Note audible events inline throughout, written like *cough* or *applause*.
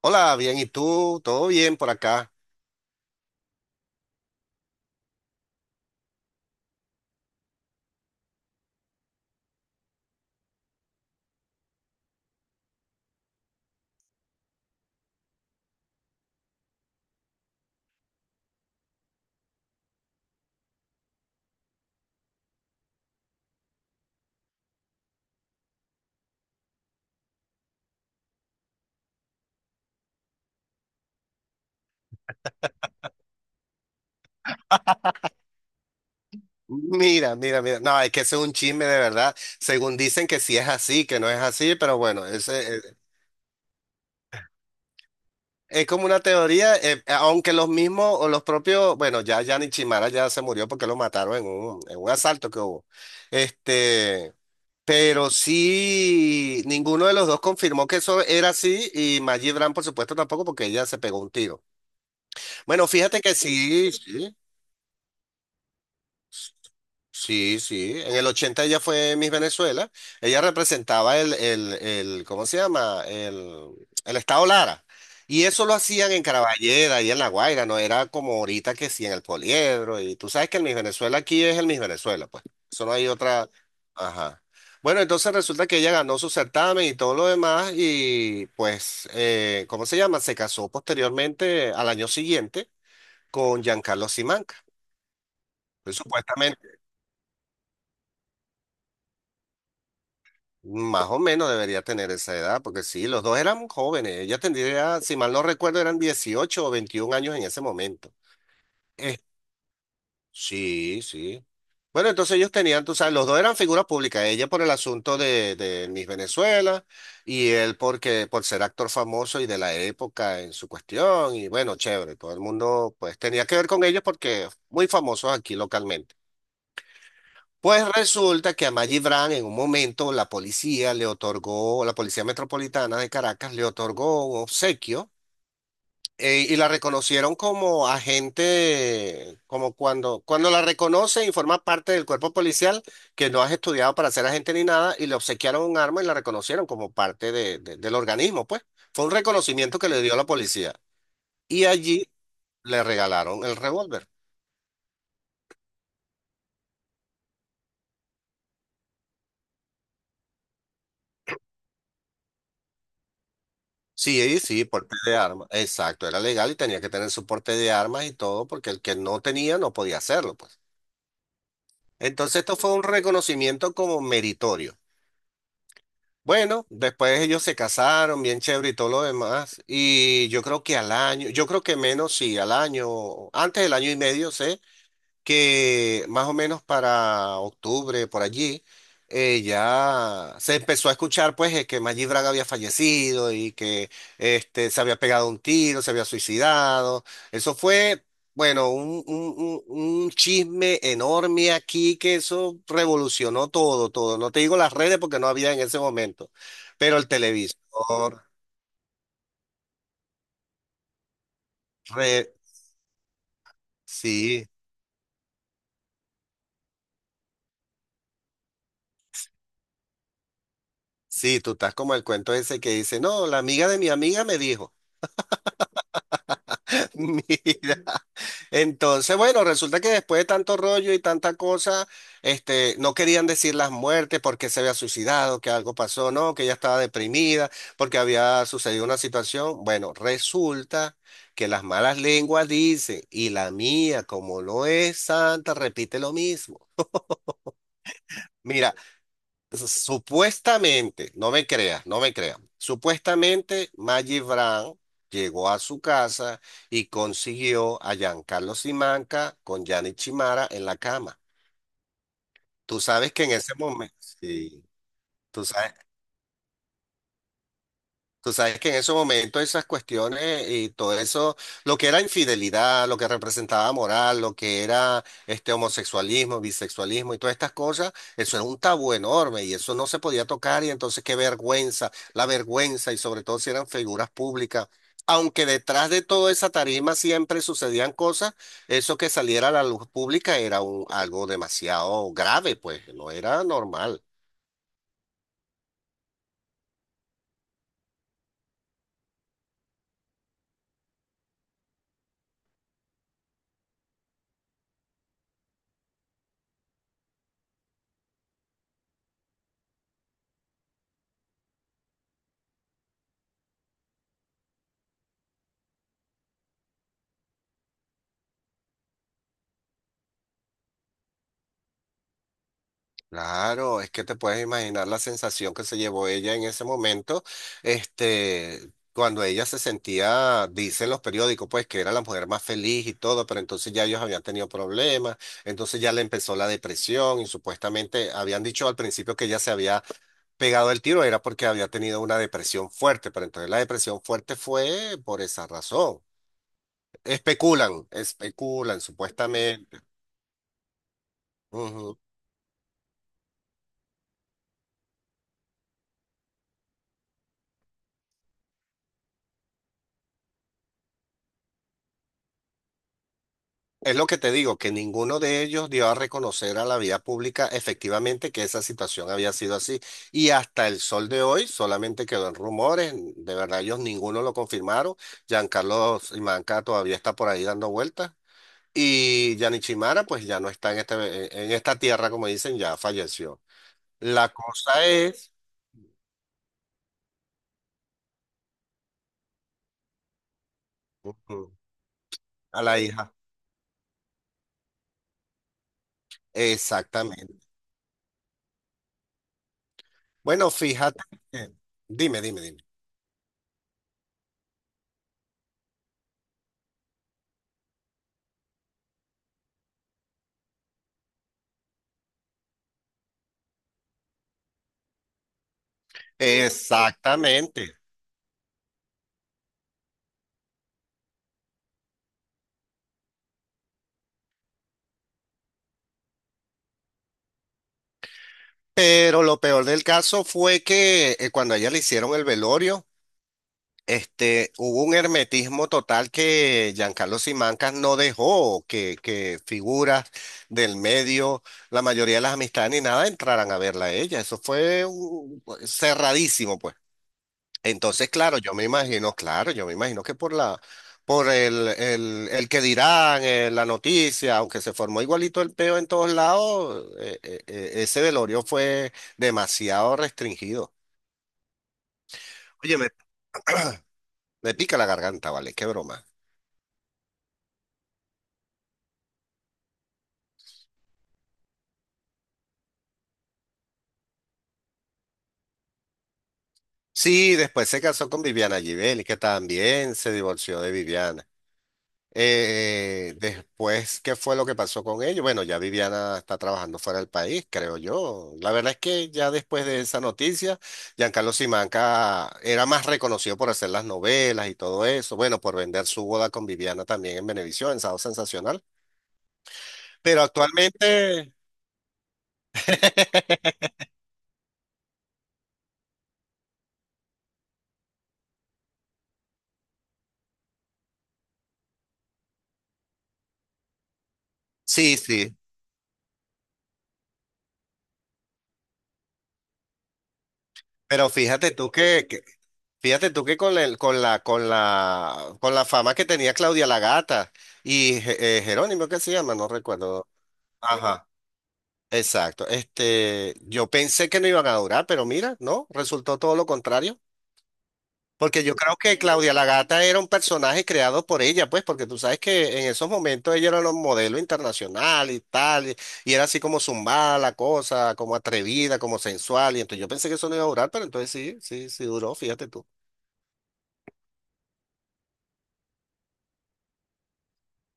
Hola, bien, ¿y tú? ¿Todo bien por acá? Mira, mira, mira. No, es que ese es un chisme de verdad. Según dicen que sí es así, que no es así, pero bueno, ese, es, como una teoría, aunque los mismos o los propios, bueno, ya Yanni Chimara ya se murió porque lo mataron en un asalto que hubo. Este, pero sí, ninguno de los dos confirmó que eso era así y Maggie Brand, por supuesto, tampoco porque ella se pegó un tiro. Bueno, fíjate que sí, sí. Sí, sí. En el 80 ella fue Miss Venezuela. Ella representaba el ¿cómo se llama? El estado Lara. Y eso lo hacían en Caraballeda y en La Guaira, no era como ahorita que sí en el Poliedro. Y tú sabes que el Miss Venezuela aquí es el Miss Venezuela, pues. Eso no hay otra. Ajá. Bueno, entonces resulta que ella ganó su certamen y todo lo demás. Y pues, ¿cómo se llama? Se casó posteriormente al año siguiente con Giancarlo Simanca. Pues, supuestamente. Más o menos debería tener esa edad, porque sí, los dos eran jóvenes. Ella tendría, si mal no recuerdo, eran 18 o 21 años en ese momento. Eh, sí, sí. Bueno, entonces ellos tenían, tú sabes, los dos eran figuras públicas, ella por el asunto de Miss Venezuela y él porque por ser actor famoso y de la época en su cuestión y bueno, chévere, todo el mundo pues tenía que ver con ellos porque muy famosos aquí localmente. Pues resulta que a Maggie Brand en un momento la policía le otorgó, la Policía Metropolitana de Caracas le otorgó un obsequio y la reconocieron como agente, como cuando la reconocen y forma parte del cuerpo policial, que no has estudiado para ser agente ni nada, y le obsequiaron un arma y la reconocieron como parte del organismo, pues. Fue un reconocimiento que le dio la policía. Y allí le regalaron el revólver. Sí, sí, porte de armas. Exacto, era legal y tenía que tener su porte de armas y todo, porque el que no tenía no podía hacerlo, pues. Entonces esto fue un reconocimiento como meritorio. Bueno, después ellos se casaron, bien chévere y todo lo demás. Y yo creo que al año, yo creo que menos, sí, al año, antes del año y medio, sé que más o menos para octubre, por allí, ya se empezó a escuchar pues que Maggi Braga había fallecido y que se había pegado un tiro, se había suicidado. Eso fue, bueno, un chisme enorme aquí que eso revolucionó todo, todo. No te digo las redes porque no había en ese momento, pero el televisor, re- sí. Sí, tú estás como el cuento ese que dice, no, la amiga de mi amiga me dijo. *laughs* Mira, entonces, bueno, resulta que después de tanto rollo y tanta cosa, no querían decir las muertes, porque se había suicidado, que algo pasó, no, que ella estaba deprimida, porque había sucedido una situación. Bueno, resulta que las malas lenguas dicen, y la mía, como no es santa, repite lo mismo. Mira, supuestamente, no me creas, no me creas. Supuestamente Maggie Brown llegó a su casa y consiguió a Giancarlo Simanca con Gianni Chimara en la cama. Tú sabes que en ese momento, sí, tú sabes. Tú sabes que en esos momentos esas cuestiones y todo eso, lo que era infidelidad, lo que representaba moral, lo que era este homosexualismo, bisexualismo y todas estas cosas, eso era un tabú enorme y eso no se podía tocar y entonces qué vergüenza, la vergüenza y sobre todo si eran figuras públicas. Aunque detrás de toda esa tarima siempre sucedían cosas, eso que saliera a la luz pública era algo demasiado grave, pues no era normal. Claro, es que te puedes imaginar la sensación que se llevó ella en ese momento, cuando ella se sentía, dicen los periódicos, pues que era la mujer más feliz y todo, pero entonces ya ellos habían tenido problemas, entonces ya le empezó la depresión y supuestamente habían dicho al principio que ella se había pegado el tiro, era porque había tenido una depresión fuerte, pero entonces la depresión fuerte fue por esa razón. Especulan, especulan supuestamente. Es lo que te digo, que ninguno de ellos dio a reconocer a la vía pública efectivamente que esa situación había sido así. Y hasta el sol de hoy solamente quedó en rumores. De verdad, ellos ninguno lo confirmaron. Giancarlo Simanca todavía está por ahí dando vueltas. Y Yanichimara, pues ya no está en, en esta tierra, como dicen, ya falleció. La cosa es Ujú. A la hija. Exactamente. Bueno, fíjate. que- Dime, dime, dime. Exactamente. Pero lo peor del caso fue que cuando a ella le hicieron el velorio, hubo un hermetismo total que Giancarlo Simancas no dejó que figuras del medio, la mayoría de las amistades ni nada, entraran a verla a ella. Eso fue pues, cerradísimo, pues. Entonces, claro, yo me imagino, claro, yo me imagino que por la, por el, que dirán, la noticia, aunque se formó igualito el peo en todos lados, ese velorio fue demasiado restringido. Oye, me, *clears throat* me pica la garganta, ¿vale? Qué broma. Sí, después se casó con Viviana Givelli, que también se divorció de Viviana. Después, ¿qué fue lo que pasó con ellos? Bueno, ya Viviana está trabajando fuera del país, creo yo. La verdad es que ya después de esa noticia, Giancarlo Simanca era más reconocido por hacer las novelas y todo eso. Bueno, por vender su boda con Viviana también en Venevisión, en Sábado Sensacional. Pero actualmente, *laughs* sí, sí. Pero fíjate tú que, fíjate tú que con el, con la, con la fama que tenía Claudia La Gata y Jerónimo, ¿qué se llama? No recuerdo. Ajá. Exacto. Yo pensé que no iban a durar, pero mira, no, resultó todo lo contrario. Porque yo creo que Claudia la Gata era un personaje creado por ella, pues, porque tú sabes que en esos momentos ella era un modelo internacional y tal, y era así como zumbada la cosa, como atrevida, como sensual, y entonces yo pensé que eso no iba a durar, pero entonces sí, sí, sí duró, fíjate tú.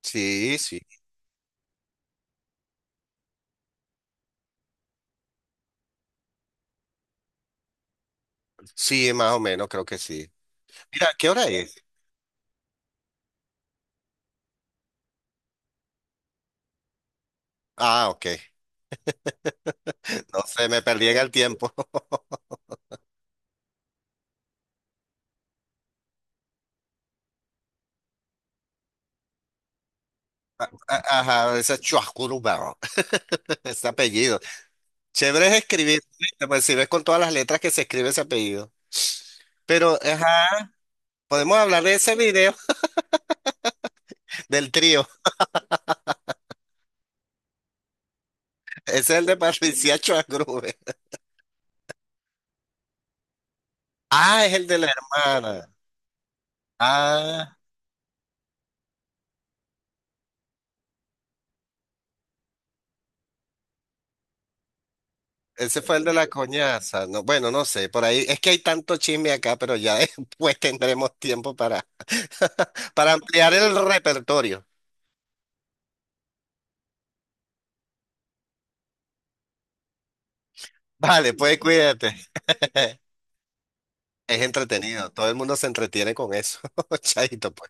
Sí, sí, sí, más o menos, creo que sí. Mira, ¿qué hora es? Ah, ok. *laughs* No sé, me perdí en el tiempo. *laughs* Ajá, ese es Chuascuruba, *laughs* ese apellido. Chévere es escribir, ¿viste? Pues si ves con todas las letras que se escribe ese apellido. Pero, ajá, podemos hablar de ese video *laughs* del trío. Ese es el de Patricia *laughs* Chuacrube. Ah, es el de la hermana. Ah, ese fue el de la coñaza. No, bueno, no sé, por ahí es que hay tanto chisme acá, pero ya *laughs* después tendremos tiempo para, *laughs* para ampliar el repertorio. Vale, pues cuídate. *laughs* Es entretenido, todo el mundo se entretiene con eso. *laughs* Chaito, pues.